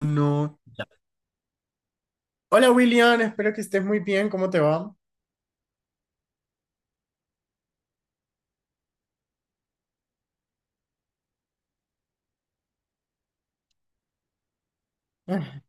No. Hola William, espero que estés muy bien. ¿Cómo te va? Ah,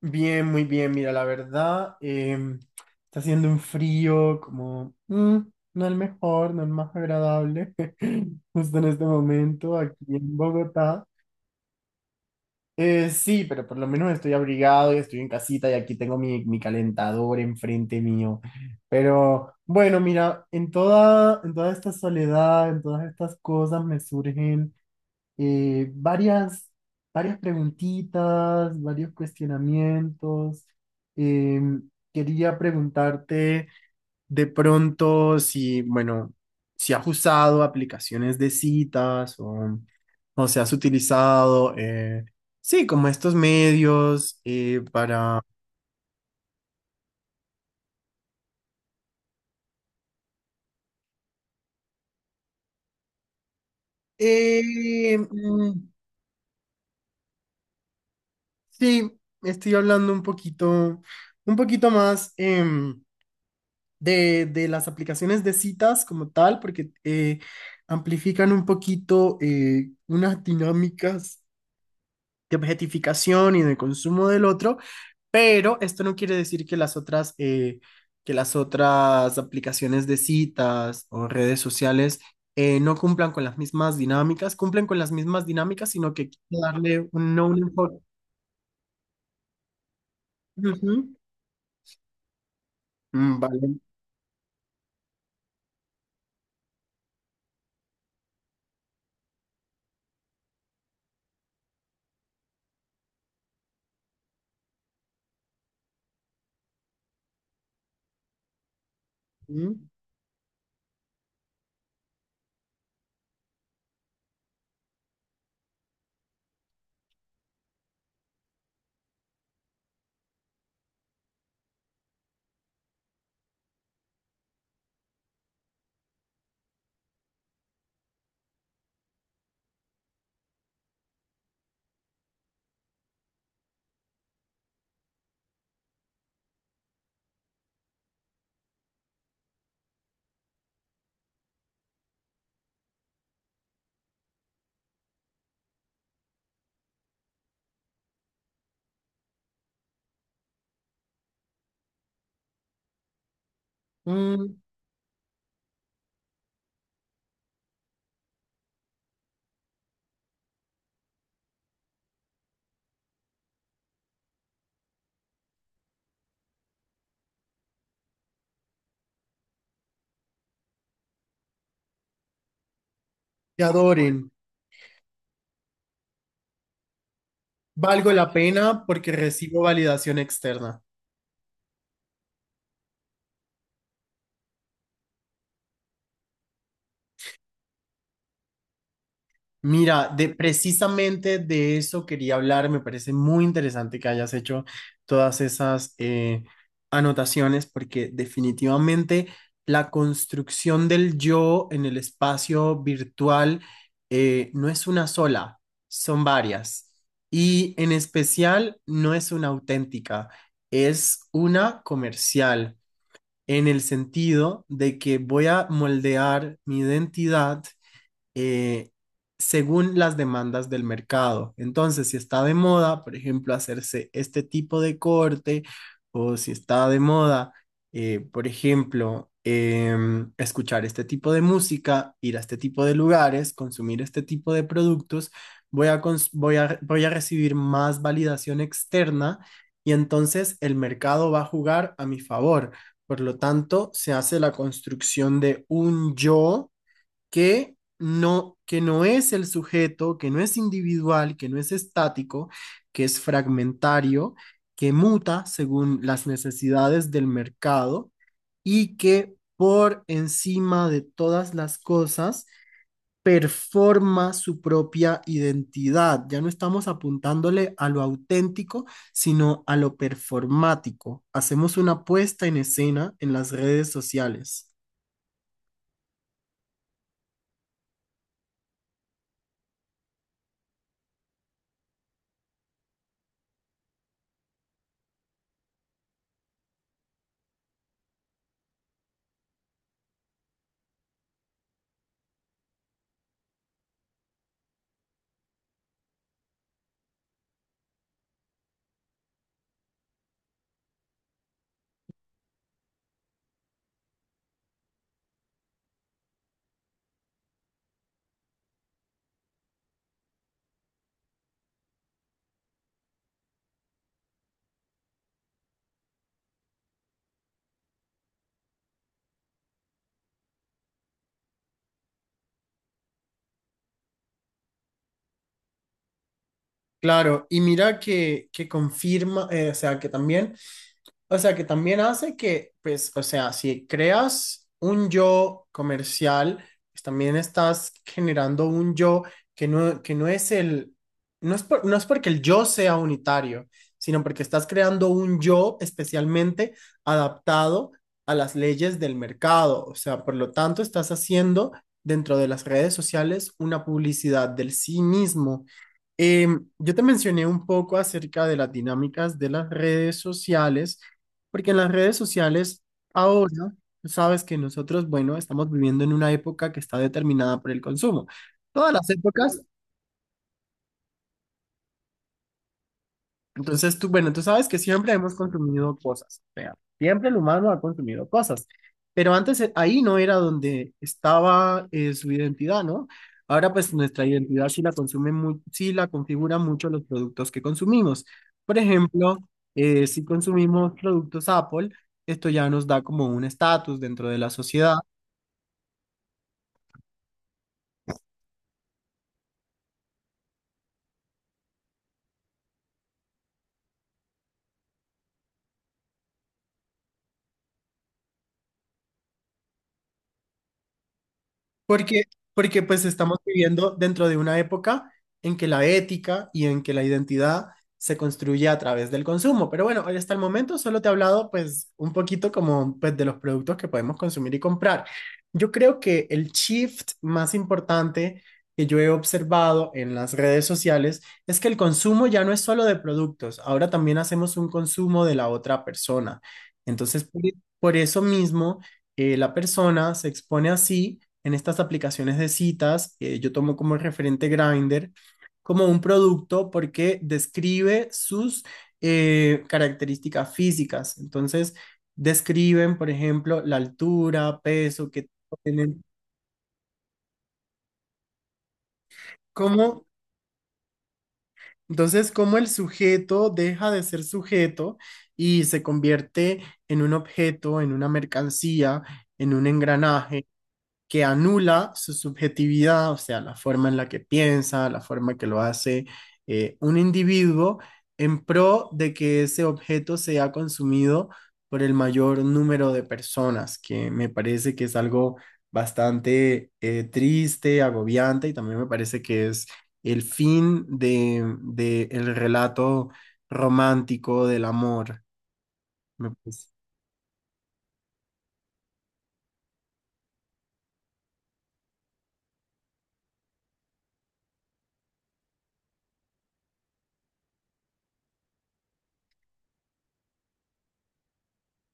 bien, muy bien. Mira, la verdad, está haciendo un frío como no el mejor, no el más agradable, justo en este momento aquí en Bogotá. Sí, pero por lo menos estoy abrigado y estoy en casita y aquí tengo mi calentador enfrente mío. Pero bueno, mira, en toda esta soledad, en todas estas cosas me surgen eh, varias, varias preguntitas, varios cuestionamientos. Eh, quería preguntarte de pronto si, bueno, si has usado aplicaciones de citas o si has utilizado, sí, como estos medios para... Eh, mm, sí, estoy hablando un poquito más. De las aplicaciones de citas como tal, porque amplifican un poquito unas dinámicas de objetificación y de consumo del otro, pero esto no quiere decir que las otras aplicaciones de citas o redes sociales no cumplan con las mismas dinámicas, cumplen con las mismas dinámicas, sino que hay que darle no un enfoque. Ujú. Mm, vale. Mm, mm, te adoren. Valgo la pena porque recibo validación externa. Mira, de precisamente de eso quería hablar. Me parece muy interesante que hayas hecho todas esas anotaciones porque definitivamente la construcción del yo en el espacio virtual no es una sola, son varias. Y en especial no es una auténtica, es una comercial, en el sentido de que voy a moldear mi identidad eh, según las demandas del mercado. Entonces, si está de moda, por ejemplo, hacerse este tipo de corte, o si está de moda, escuchar este tipo de música, ir a este tipo de lugares, consumir este tipo de productos, voy a, cons- voy a, voy a recibir más validación externa y entonces el mercado va a jugar a mi favor. Por lo tanto, se hace la construcción de un yo que no es el sujeto, que no es individual, que no es estático, que es fragmentario, que muta según las necesidades del mercado y que por encima de todas las cosas performa su propia identidad. Ya no estamos apuntándole a lo auténtico, sino a lo performático. Hacemos una puesta en escena en las redes sociales. Claro, y mira que confirma, o sea, que también... O sea, que también hace que, pues, o sea, si creas un yo comercial, pues también estás generando un yo que no es no es no es porque el yo sea unitario, sino porque estás creando un yo especialmente adaptado a las leyes del mercado. O sea, por lo tanto, estás haciendo dentro de las redes sociales una publicidad del sí mismo. Yo te mencioné un poco acerca de las dinámicas de las redes sociales porque en las redes sociales ahora, tú sabes que nosotros, bueno, estamos viviendo en una época que está determinada por el consumo. Todas las épocas, entonces tú, bueno, tú sabes que siempre hemos consumido cosas, o sea, siempre el humano ha consumido cosas, pero antes ahí no era donde estaba su identidad, ¿no? Ahora pues nuestra identidad sí la sí la configuran mucho los productos que consumimos. Por ejemplo, si consumimos productos Apple, esto ya nos da como un estatus dentro de la sociedad. Porque, porque pues estamos viviendo dentro de una época en que la ética y en que la identidad se construye a través del consumo. Pero bueno, hoy hasta el momento solo te he hablado pues un poquito como pues de los productos que podemos consumir y comprar. Yo creo que el shift más importante que yo he observado en las redes sociales es que el consumo ya no es solo de productos, ahora también hacemos un consumo de la otra persona. Entonces, por eso mismo la persona se expone así en estas aplicaciones de citas, yo tomo como referente Grindr, como un producto porque describe sus características físicas. Entonces, describen, por ejemplo, la altura, peso que tienen, cómo, entonces, cómo el sujeto deja de ser sujeto y se convierte en un objeto, en una mercancía, en un engranaje que anula su subjetividad, o sea, la forma en la que piensa, la forma que lo hace un individuo, en pro de que ese objeto sea consumido por el mayor número de personas, que me parece que es algo bastante triste, agobiante, y también me parece que es el fin de el relato romántico del amor. Me parece.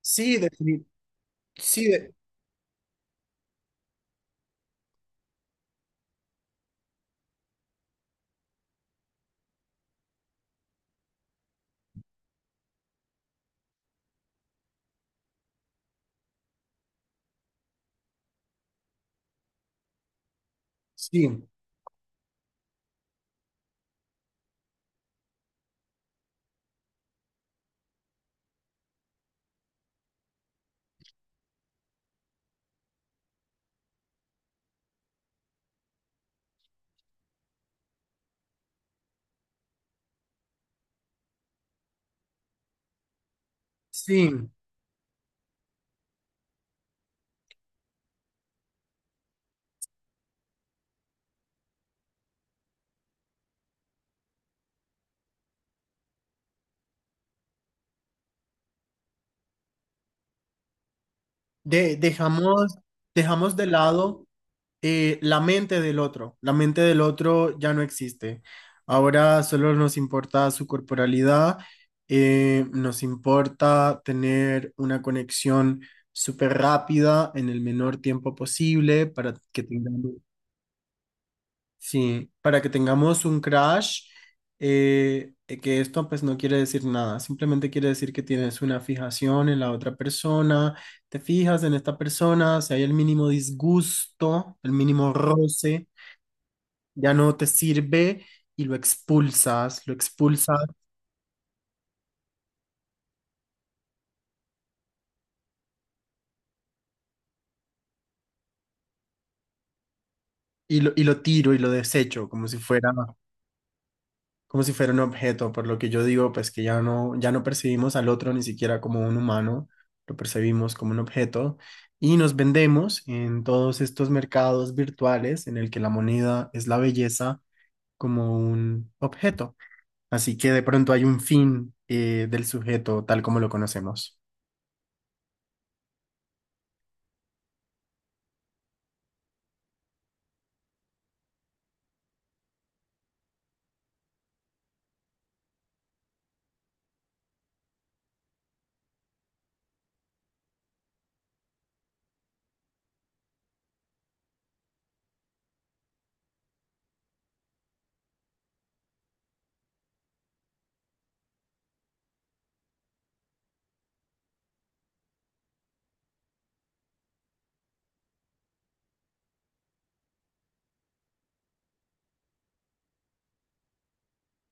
Sí, defini- sí, de- sí, sí. Dejamos, dejamos de lado la mente del otro. La mente del otro ya no existe. Ahora solo nos importa su corporalidad, nos importa tener una conexión súper rápida en el menor tiempo posible para que tengamos. Sí, para que tengamos un crash, que esto pues no quiere decir nada, simplemente quiere decir que tienes una fijación en la otra persona, te fijas en esta persona, si hay el mínimo disgusto, el mínimo roce, ya no te sirve y lo expulsas y lo tiro y lo desecho como si fuera un objeto, por lo que yo digo, pues que ya no, ya no percibimos al otro ni siquiera como un humano, lo percibimos como un objeto y nos vendemos en todos estos mercados virtuales en el que la moneda es la belleza como un objeto. Así que de pronto hay un fin del sujeto tal como lo conocemos.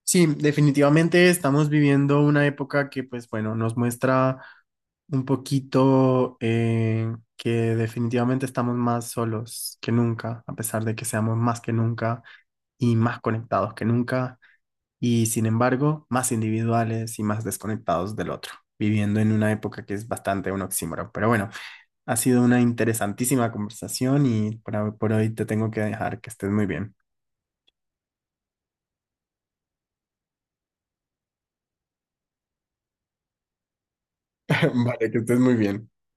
Sí, definitivamente estamos viviendo una época que, pues bueno, nos muestra un poquito que definitivamente estamos más solos que nunca, a pesar de que seamos más que nunca y más conectados que nunca, y sin embargo, más individuales y más desconectados del otro, viviendo en una época que es bastante un oxímoron. Pero bueno, ha sido una interesantísima conversación y por hoy te tengo que dejar que estés muy bien. Vale, que estés muy bien.